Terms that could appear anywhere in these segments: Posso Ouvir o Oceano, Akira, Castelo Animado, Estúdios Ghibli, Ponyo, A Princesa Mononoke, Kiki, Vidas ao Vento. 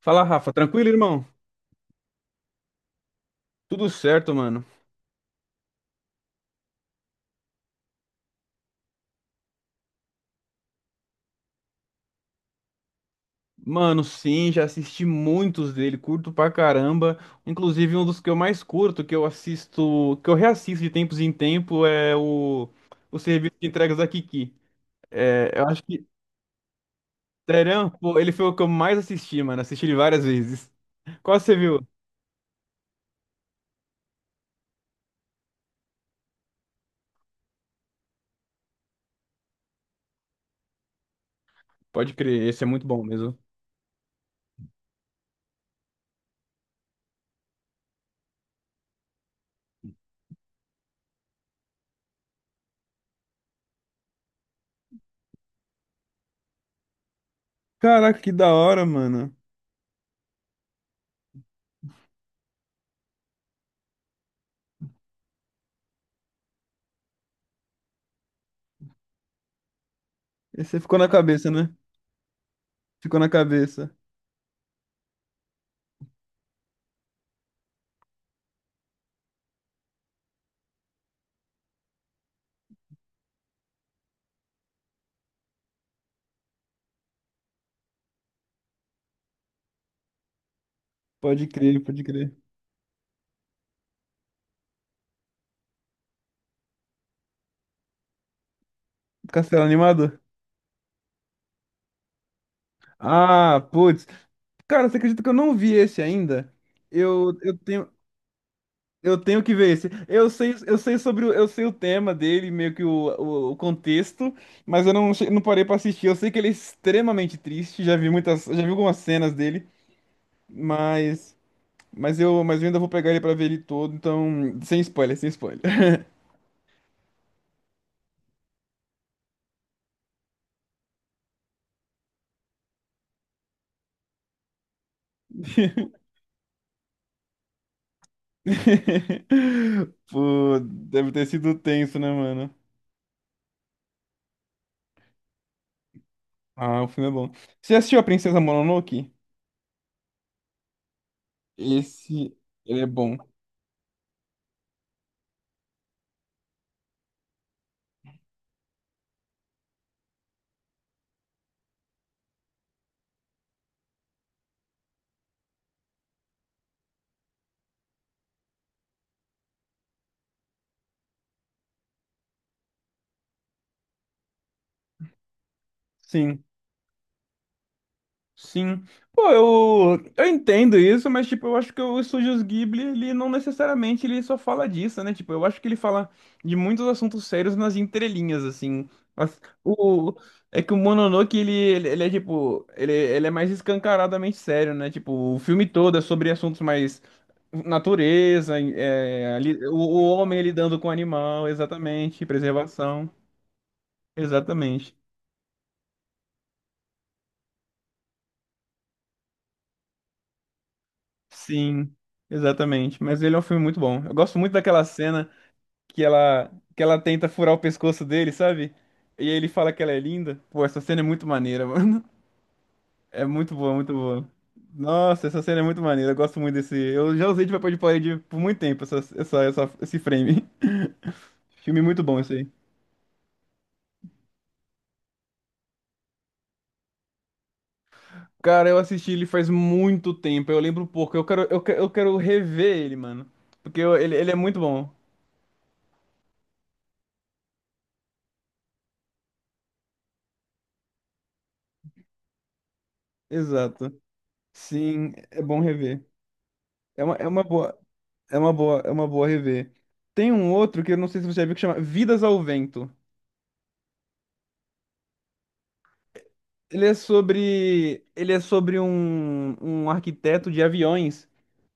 Fala, Rafa. Tranquilo, irmão? Tudo certo, mano. Mano, sim, já assisti muitos dele, curto pra caramba. Inclusive, um dos que eu mais curto, que eu assisto, que eu reassisto de tempos em tempo, é o serviço de entregas da Kiki. É, eu acho que, sério, pô, ele foi o que eu mais assisti, mano. Assisti ele várias vezes. Qual você viu? Pode crer, esse é muito bom mesmo. Caraca, que da hora, mano. Esse ficou na cabeça, né? Ficou na cabeça. Pode crer, pode crer. Castelo Animado? Ah, putz. Cara, você acredita que eu não vi esse ainda? Eu tenho, eu tenho que ver esse. Eu sei sobre o, eu sei o tema dele, meio que o contexto, mas eu não, não parei pra assistir. Eu sei que ele é extremamente triste, já vi muitas, já vi algumas cenas dele, mas mas eu ainda vou pegar ele pra ver ele todo, então sem spoiler, sem spoiler. Pô, deve ter sido tenso, né, mano? Ah, o filme é bom. Você assistiu A Princesa Mononoke? Esse, ele é bom. Sim. Sim. Pô, eu entendo isso, mas tipo, eu acho que o Estúdios Ghibli, ele não necessariamente ele só fala disso, né? Tipo, eu acho que ele fala de muitos assuntos sérios nas entrelinhas, assim. As- O, é que o Mononoke, ele é tipo, ele é mais escancaradamente sério, né? Tipo, o filme todo é sobre assuntos mais natureza, é, o homem lidando com o animal, exatamente, preservação, exatamente. Sim, exatamente. Mas ele é um filme muito bom. Eu gosto muito daquela cena que ela tenta furar o pescoço dele, sabe? E ele fala que ela é linda. Pô, essa cena é muito maneira, mano. É muito boa, muito boa. Nossa, essa cena é muito maneira. Eu gosto muito desse. Eu já usei de papel de parede por muito tempo, esse frame. Filme muito bom esse aí. Cara, eu assisti ele faz muito tempo. Eu lembro pouco. Eu quero rever ele, mano. Ele é muito bom. Exato. Sim, é bom rever. É uma boa. É uma boa, é uma boa rever. Tem um outro que eu não sei se você já viu que chama Vidas ao Vento. Ele é sobre um, um arquiteto de aviões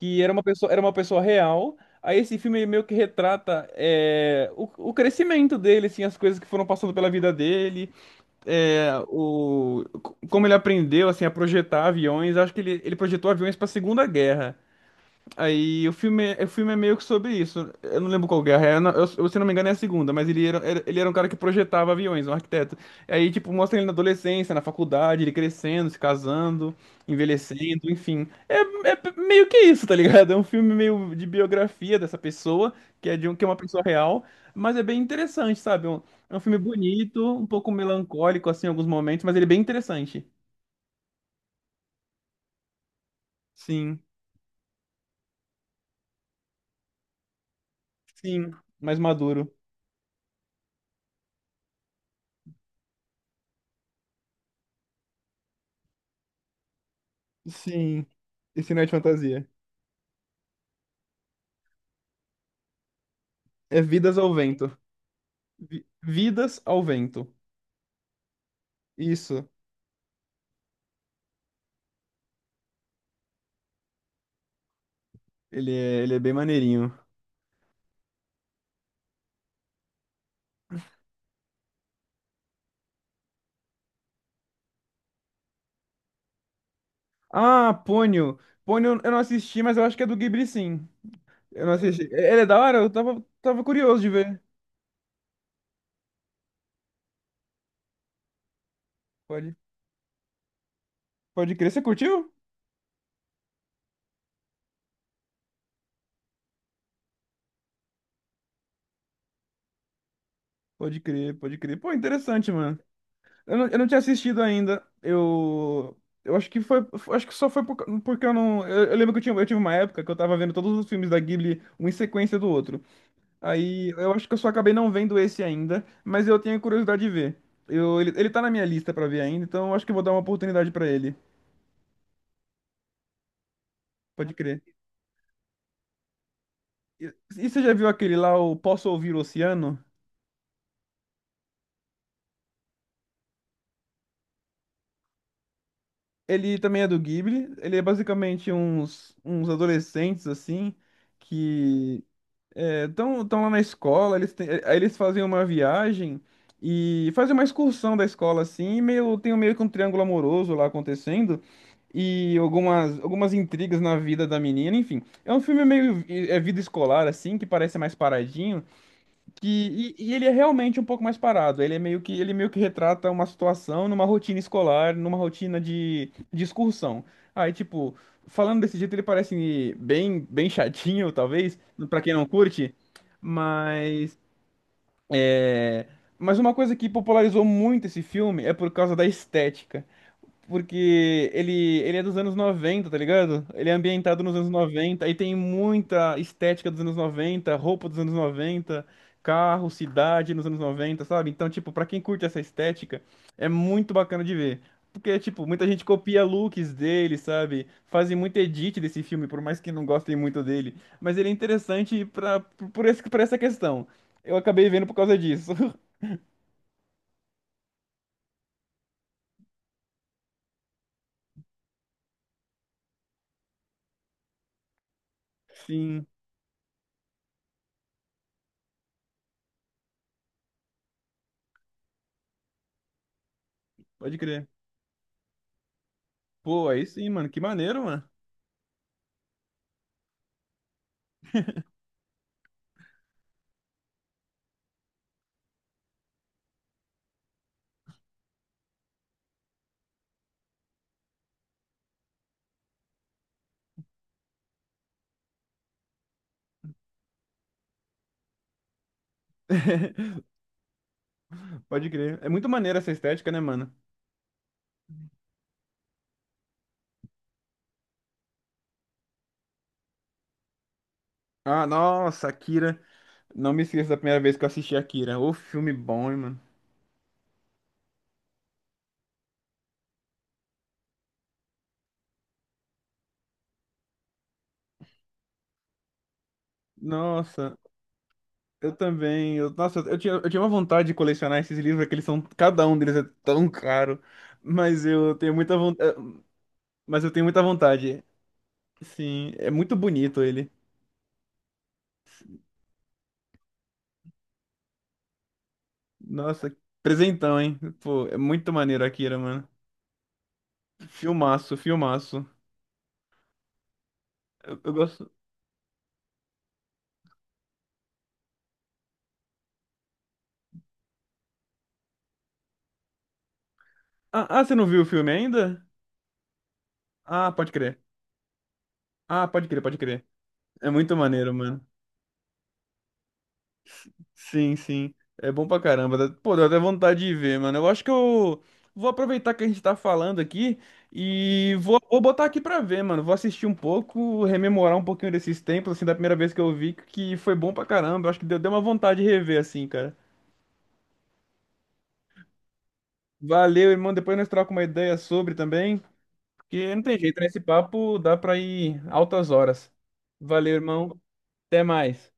que era uma pessoa real. Aí esse filme meio que retrata é, o crescimento dele, assim, as coisas que foram passando pela vida dele, é, como ele aprendeu assim a projetar aviões. Acho que ele projetou aviões para a Segunda Guerra. Aí o filme, o filme é meio que sobre isso. Eu não lembro qual guerra é. Eu, não- eu, se não me engano, é a segunda, mas ele era um cara que projetava aviões, um arquiteto. Aí, tipo, mostra ele na adolescência, na faculdade, ele crescendo, se casando, envelhecendo, enfim. É, meio que isso, tá ligado? É um filme meio de biografia dessa pessoa, que é uma pessoa real, mas é bem interessante, sabe? É um filme bonito, um pouco melancólico, assim, em alguns momentos, mas ele é bem interessante. Sim, sim, mais maduro. Sim, esse não é de fantasia. É Vidas ao Vento. Vidas ao Vento. Isso. Ele é bem maneirinho. Ah, Ponyo. Ponyo eu não assisti, mas eu acho que é do Ghibli, sim. Eu não assisti. É, ele é da hora? Eu tava, tava curioso de ver. Pode, pode crer. Você curtiu? Pode crer, pode crer. Pô, interessante, mano. Eu não tinha assistido ainda. Eu acho que foi... Acho que só foi por, porque eu não... eu lembro que eu tinha, eu tive uma época que eu tava vendo todos os filmes da Ghibli, um em sequência do outro. Aí eu acho que eu só acabei não vendo esse ainda, mas eu tenho curiosidade de ver. Ele tá na minha lista pra ver ainda, então eu acho que eu vou dar uma oportunidade pra ele. Pode crer. E você já viu aquele lá, o Posso Ouvir o Oceano? Ele também é do Ghibli. Ele é basicamente uns, uns adolescentes, assim, que estão lá na escola, eles, aí eles fazem uma viagem e fazem uma excursão da escola assim, e meio, tem um, meio que um triângulo amoroso lá acontecendo e algumas, algumas intrigas na vida da menina, enfim. É um filme meio é vida escolar assim, que parece mais paradinho, que, e ele é realmente um pouco mais parado. Ele é meio que, ele meio que retrata uma situação numa rotina escolar, numa rotina de excursão. Aí, tipo, falando desse jeito, ele parece bem, bem chatinho, talvez, pra quem não curte. Mas, é, mas uma coisa que popularizou muito esse filme é por causa da estética. Porque ele é dos anos noventa, tá ligado? Ele é ambientado nos anos noventa, aí tem muita estética dos anos noventa, roupa dos anos noventa, carro, cidade nos anos noventa, sabe? Então, tipo, pra quem curte essa estética, é muito bacana de ver. Porque, tipo, muita gente copia looks dele, sabe? Fazem muito edit desse filme, por mais que não gostem muito dele. Mas ele é interessante pra, por esse, por essa questão. Eu acabei vendo por causa disso. Sim, pode crer. Pô, aí sim, mano, que maneiro, mano. Pode crer. É muito maneira essa estética, né, mano? Ah, nossa, Akira. Não me esqueço da primeira vez que eu assisti Akira. Ô, filme bom, hein, mano? Nossa, eu também. Eu, nossa, eu tinha uma vontade de colecionar esses livros, porque eles são. Cada um deles é tão caro. Mas eu tenho muita vontade. Mas eu tenho muita vontade. Sim, é muito bonito ele. Nossa, presentão, hein? Pô, é muito maneiro Akira, mano. Filmaço, filmaço. Eu gosto. Ah, ah, você não viu o filme ainda? Ah, pode crer. Ah, pode crer, pode crer. É muito maneiro, mano. Sim, sim. É bom pra caramba. Dá- Pô, deu até vontade de ver, mano. Eu acho que eu vou aproveitar que a gente tá falando aqui e vou, vou botar aqui pra ver, mano. Vou assistir um pouco, rememorar um pouquinho desses tempos, assim, da primeira vez que eu vi, que foi bom pra caramba. Eu acho que deu, deu uma vontade de rever, assim, cara. Valeu, irmão. Depois nós trocamos uma ideia sobre também, porque não tem jeito, né? Esse papo dá pra ir altas horas. Valeu, irmão. Até mais.